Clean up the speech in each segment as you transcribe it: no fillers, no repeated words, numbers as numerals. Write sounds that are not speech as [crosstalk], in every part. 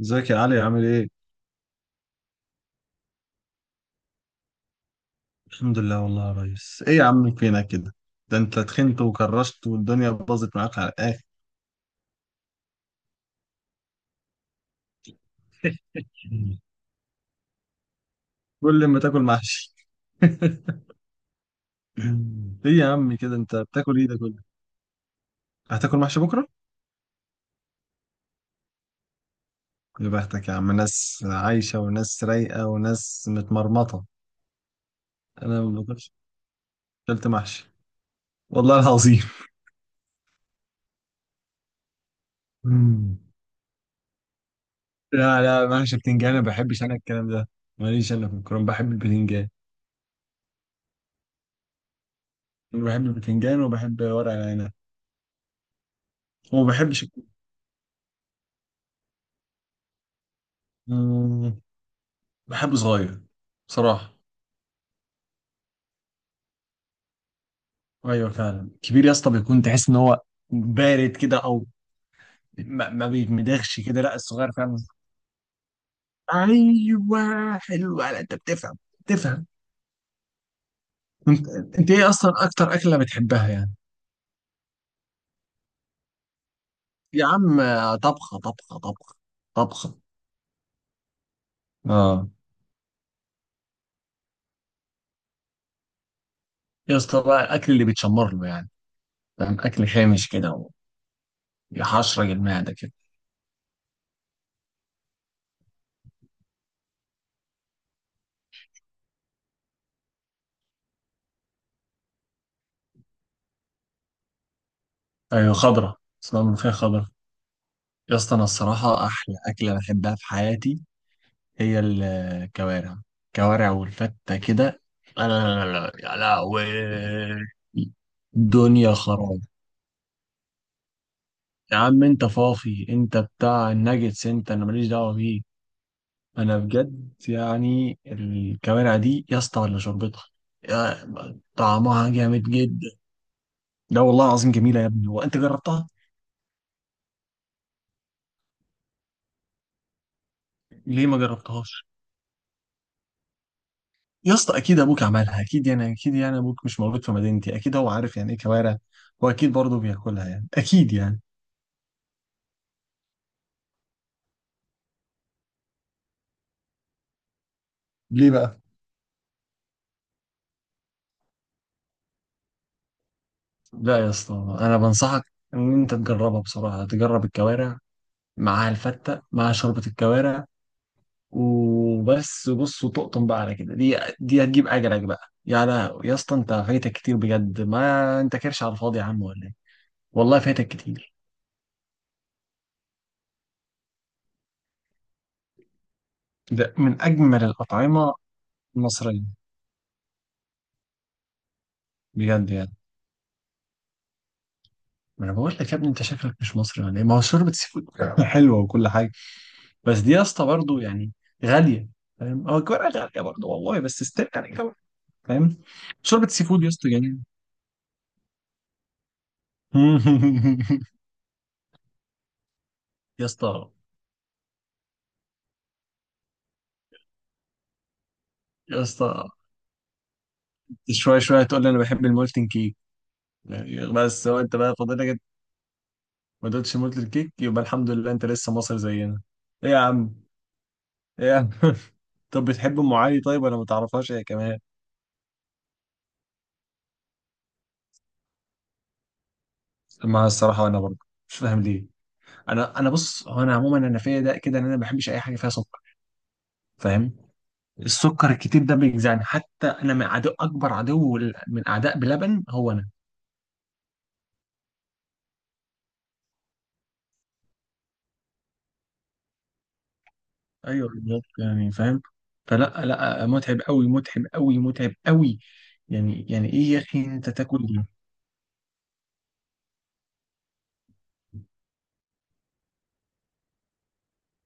ازيك يا علي عامل ايه؟ الحمد لله والله يا ريس، ايه يا عم فينك كده؟ ده انت تخنت وكرشت والدنيا باظت معاك على الاخر. كل ما تاكل محشي. [laughs] ايه يا عم كده انت بتاكل ايه ده كله؟ هتاكل محشي بكره؟ يا بختك يا عم، ناس عايشة وناس رايقة وناس متمرمطة. انا ما باكلش. اكلت محشي. والله العظيم. مم. [laughs] لا لا محشي بتنجان، ما بحبش انا الكلام ده. ماليش انا في الكرنب، بحب البتنجان. بحب البتنجان وبحب ورق العنب. وما بحبش الكوسة. بحب صغير، بصراحة. أيوة فعلا كبير يا اسطى بيكون تحس إن هو بارد كده، أو ما بيتمدغش كده، لا الصغير فعلا. أيوة حلو، لا أنت بتفهم بتفهم. أنت أنت إيه أصلا أكتر أكلة بتحبها يعني؟ يا عم آه، طبخة طبخة طبخة. طبخة. آه. يا اسطى بقى الأكل اللي بيتشمر له يعني، فاهم؟ أكل خامش كده، ويحشرج المعدة كده. أيوة خضرة، اسمها ملوخية خضرة. يا اسطى أنا الصراحة أحلى أكلة بحبها في حياتي هي الكوارع. كوارع والفتة كده. لا لا لا لا يا لهوي، دنيا خراب. يا عم انت فافي، انت بتاع الناجتس انت، انا ماليش دعوة بيك. انا بجد يعني الكوارع دي يا اسطى ولا شربتها، طعمها جامد جدا. لا والله العظيم جميلة يا ابني، وانت جربتها؟ ليه ما جربتهاش؟ يا اسطى اكيد ابوك عملها، اكيد يعني، اكيد يعني ابوك مش موجود في مدينتي، اكيد هو عارف يعني ايه كوارع، واكيد برضه بياكلها يعني، اكيد يعني. ليه بقى؟ لا يا اسطى، انا بنصحك ان انت تجربها بصراحه، تجرب الكوارع معاها الفته، مع شوربه الكوارع وبس. بص وتقطن بقى على كده، دي هتجيب اجلك بقى، يا لا يا اسطى، انت فايتك كتير بجد، ما انت كرش على الفاضي يا عم ولا ايه؟ والله فايتك كتير. ده من اجمل الاطعمه المصريه بجد يعني. ما انا بقول لك يا ابني، انت شكلك مش مصري ولا ايه؟ ما هو شوربه سي فود [laughs] حلوه وكل حاجه. بس دي يا اسطى برضه يعني غاليه، فاهم؟ هو الكوارع غاليه برضه والله، بس استنى يعني، فاهم. شوربه سي فود يا اسطى جميل. [laughs] يا اسطى يا اسطى، شويه شويه هتقول لي انا بحب المولتن كيك. بس هو انت بقى فاضل لك؟ ما دوتش مولتن كيك، يبقى الحمد لله انت لسه مصري زينا. ايه يا عم. ايه يا عم. [laughs] طب بتحب ام علي طيب، ولا ما تعرفهاش هي كمان؟ ما الصراحه انا برضه مش فاهم ليه. انا بص، هو انا عموما انا فيا ده كده ان انا ما بحبش اي حاجه فيها سكر، فاهم. السكر الكتير ده بيجزعني، حتى انا من عدو اكبر عدو، من اعداء بلبن هو انا. ايوه بالظبط يعني، فاهم. فلا لا متعب قوي متعب قوي متعب قوي. يعني ايه يا اخي انت تاكل دي؟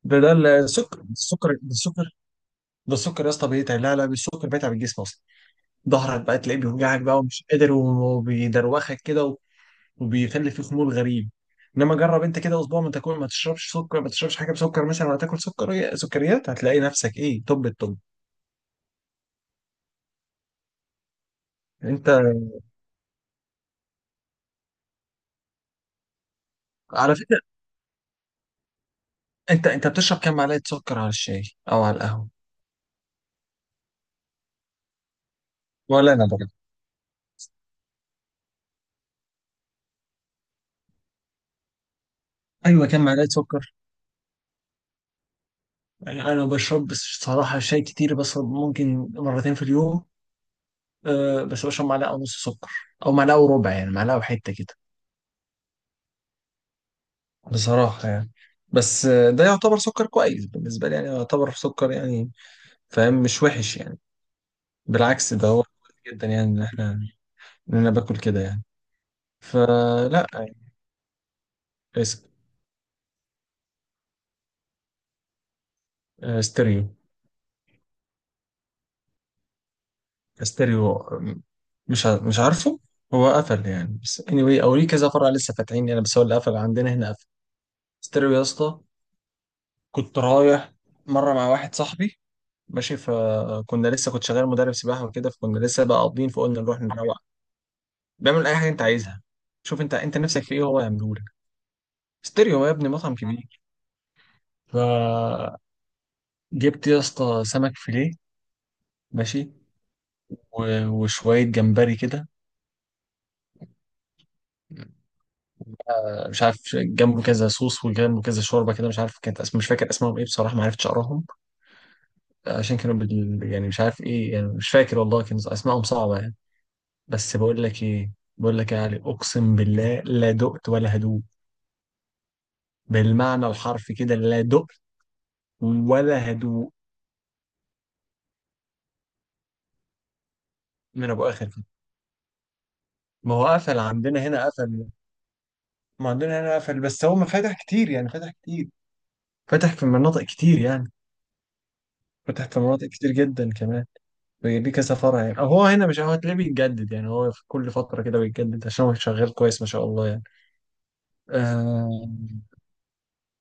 ده السكر ده السكر، ده السكر يا اسطى بيتعب. لا لا السكر بيتعب الجسم اصلا. ظهرك بقى تلاقيه بيوجعك بقى ومش قادر، وبيدروخك كده وبيخلي فيه خمول غريب. انما جرب انت كده اسبوع ما تاكل، ما تشربش سكر، ما تشربش حاجه بسكر مثلا، ولا تاكل سكر سكريات، هتلاقي نفسك ايه طب الطب. انت على فكره، انت بتشرب كام معلقه سكر على الشاي او على القهوه؟ ولا انا. ايوه كان معلقه سكر. يعني انا ما بشربش صراحه شاي كتير، بشرب ممكن مرتين في اليوم. أه، بس بشرب معلقه ونص سكر، او معلقه وربع، يعني معلقه وحته كده، بصراحه يعني. بس آه، ده يعتبر سكر كويس بالنسبه لي يعني، يعتبر سكر يعني، فاهم. مش وحش يعني. بالعكس، ده هو كويس جدا يعني، ان احنا ان انا باكل كده يعني. فلا يعني. اس- آه، ستيريو. ستيريو آه، مش عارفه. هو قفل يعني، بس anyway او ليه كذا فرع لسه فاتحين يعني، بس هو اللي قفل عندنا هنا. ستيريو يا اسطى، كنت رايح مره مع واحد صاحبي ماشي، فكنا لسه كنت شغال مدرب سباحه وكده، فكنا لسه بقى قاضيين فقلنا نروح نروق. بيعمل اي حاجه انت عايزها، شوف انت نفسك في ايه هو يعمله لك. ستيريو يا ابني مطعم كبير. فجبت يا اسطى سمك فيليه، ماشي، وشويه جمبري كده. مش عارف جنبه كذا صوص وجنبه كذا شوربه كده، مش عارف كانت اسم، مش فاكر اسمهم ايه بصراحه، ما عرفتش اقراهم، عشان كانوا يعني مش عارف ايه يعني، مش فاكر والله، كان اسمائهم صعبه يعني. بس بقول لك ايه، بقول لك يا علي اقسم بالله، لا دقت ولا هدوء. بالمعنى الحرفي كده، لا دقت ولا هدوء. من ابو اخر كده. ما هو قفل عندنا هنا قفل، ما عندنا هنا قفل، بس هو ما فتح كتير يعني، فتح كتير، فتح في مناطق كتير يعني، فتح في مناطق كتير جدا كمان. ليه كذا فرع يعني، أو هو هنا مش هو هتلاقيه بيتجدد يعني، هو في كل فترة كده بيتجدد عشان هو شغال كويس ما شاء الله يعني. آه،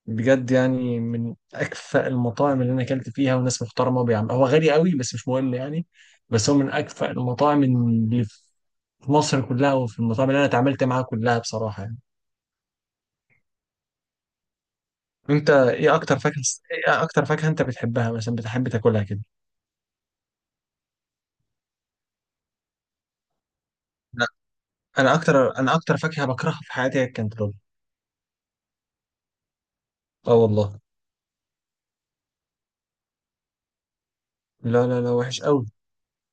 بجد يعني من اكفأ المطاعم اللي انا اكلت فيها، وناس محترمه، بيعمل هو غالي قوي بس مش مهم يعني، بس هو من اكفأ المطاعم اللي في مصر كلها وفي المطاعم اللي انا اتعاملت معاها كلها، بصراحه يعني. انت ايه اكتر فاكهه، ايه اكتر فاكهه انت بتحبها مثلا، بتحب تاكلها كده؟ لا انا اكتر فاكهه بكرهها في حياتي هي الكنتالوب. اه والله. لا لا لا وحش قوي،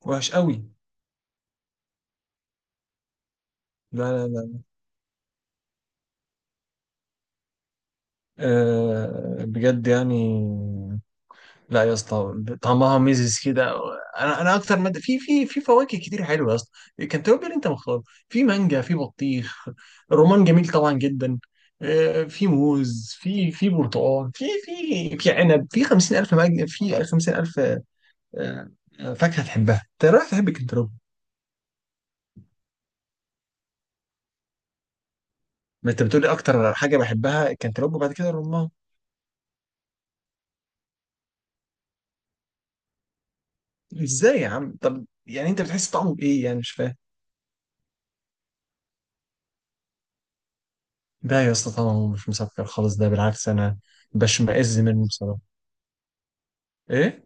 وحش قوي. لا لا لا. أه بجد يعني. لا يا اسطى، طعمها ميزز كده. انا اكتر ماده في في فواكه كتير حلوه يا اسطى، كنتالوب اللي انت مختاره، في مانجا، في بطيخ، الرمان جميل طبعا جدا، آه، في موز، في برتقال، في في عنب، في 50,000 مانجا، في 50,000. آه. آه، فاكهه تحبها انت رايح تحب الكنتالوب. ما انت بتقولي اكتر حاجه بحبها الكنتالوب وبعد كده الرمان. ازاي يا عم؟ طب يعني انت بتحس طعمه بايه يعني؟ مش فاهم. ده يا اسطى طعمه مش مسكر خالص، ده بالعكس انا بشمئز منه بصراحه. ايه،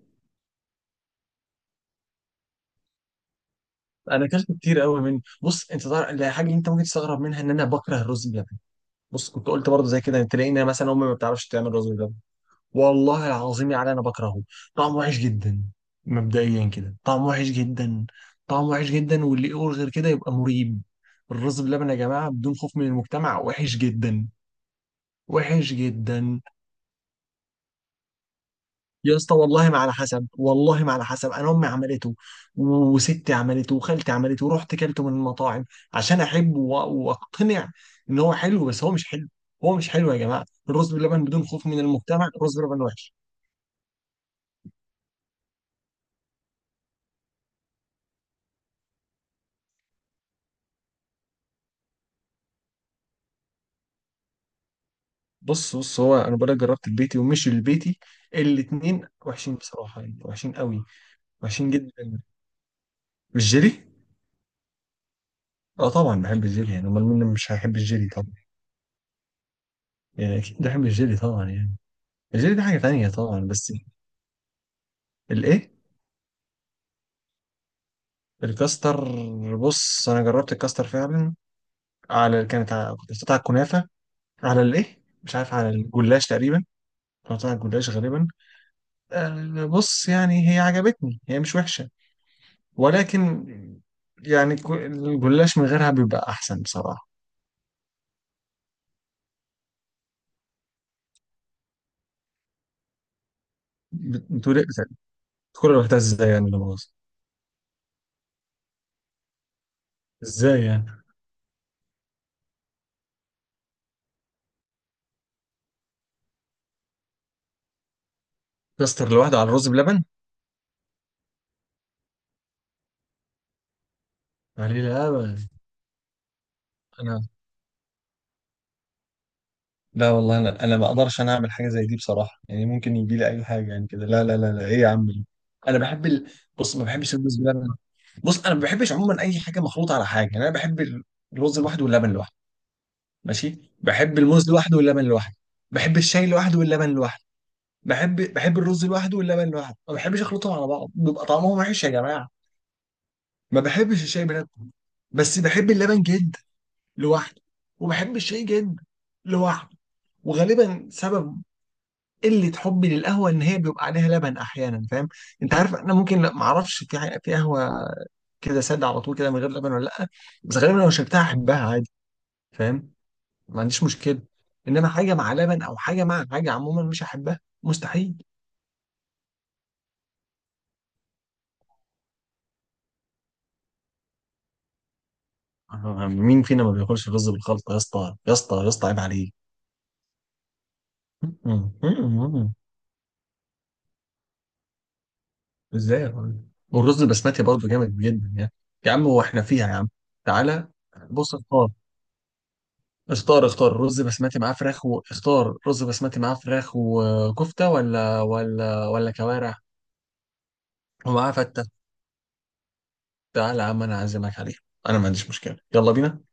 انا اكلت كتير قوي منه. بص انت تعرف لا، حاجه انت ممكن تستغرب منها، ان انا بكره الرز بلبن. بص، كنت قلت برضه زي كده، تلاقينا مثلا امي ما بتعرفش تعمل رز بلبن. والله العظيم يعني انا بكرهه، طعمه وحش جدا. مبدئيا كده طعمه وحش جدا، طعمه وحش جدا، واللي يقول غير كده يبقى مريب. الرز بلبن يا جماعه بدون خوف من المجتمع وحش جدا، وحش جدا. يا اسطى والله ما على حسب، والله ما على حسب، انا امي عملته وستي عملته وخالتي عملته، ورحت كلته من المطاعم عشان احب واقتنع ان هو حلو، بس هو مش حلو. هو مش حلو يا جماعه، الرز باللبن بدون خوف من المجتمع، الرز باللبن وحش. بص هو انا بقولك جربت البيتي ومش البيتي، الاتنين وحشين بصراحه يعني، وحشين قوي، وحشين جدا. الجيلي؟ اه طبعا بحب الجيلي يعني، امال مين مش هيحب الجيلي طبعا، يعني اكيد بحب الجيلي طبعا يعني. الجيلي ده حاجه تانيه طبعا، بس الايه؟ الكاستر. بص انا جربت الكاستر فعلا، كنت حطيتها على الكنافه، على الايه، مش عارف، على الجلاش تقريبا، كنت حطيتها على الجلاش غالبا. آه، بص يعني هي عجبتني، هي مش وحشه، ولكن يعني الجلاش من غيرها بيبقى احسن بصراحه. بتقول ايه كل الوقت ازاي يعني اللي باظ؟ ازاي يعني؟ كاستر لوحده على الرز بلبن؟ عليه لبن. انا لا والله انا ما اقدرش انا اعمل حاجه زي دي بصراحه يعني، ممكن يجي لي اي حاجه يعني كده، لا لا لا لا، ايه يا عم ده؟ انا بحب ال... بص ما بحبش الرز بلبن. بص انا ما بحبش عموما اي حاجه مخلوطه على حاجه يعني، انا بحب الرز لوحده واللبن لوحده، ماشي، بحب الموز لوحده واللبن لوحده، بحب الشاي لوحده واللبن لوحده، بحب الرز لوحده واللبن لوحده، ما بحبش اخلطهم على بعض بيبقى طعمهم وحش يا جماعه. ما بحبش الشاي بلبن، بس بحب اللبن جدا لوحده، وبحب الشاي جدا لوحده. وغالبا سبب قله حبي للقهوه ان هي بيبقى عليها لبن احيانا، فاهم؟ انت عارف انا ممكن، لا ما اعرفش، في في قهوه كده ساده على طول كده من غير لبن ولا لا، بس غالبا لو شربتها احبها عادي، فاهم، ما عنديش مشكله. انما حاجه مع لبن او حاجه مع حاجه عموما مش هحبها مستحيل. [laughs] آه، مين فينا ما بياكلش رز بالخلطه يا اسطى، يا اسطى يا اسطى عيب عليك. [laughs] م- م- م- ازاي يا راجل. والرز البسمتي برضه جامد جدا يعني. يا عم هو احنا فيها يا عم؟ تعالى، بص، اختار اختار رز بسمتي معاه فراخ، واختار رز بسمتي معاه فراخ وكفتة، ولا كوارع ومعاه فتة. تعالى يا عم انا اعزمك عليه، انا ما عنديش مشكلة، يلا بينا.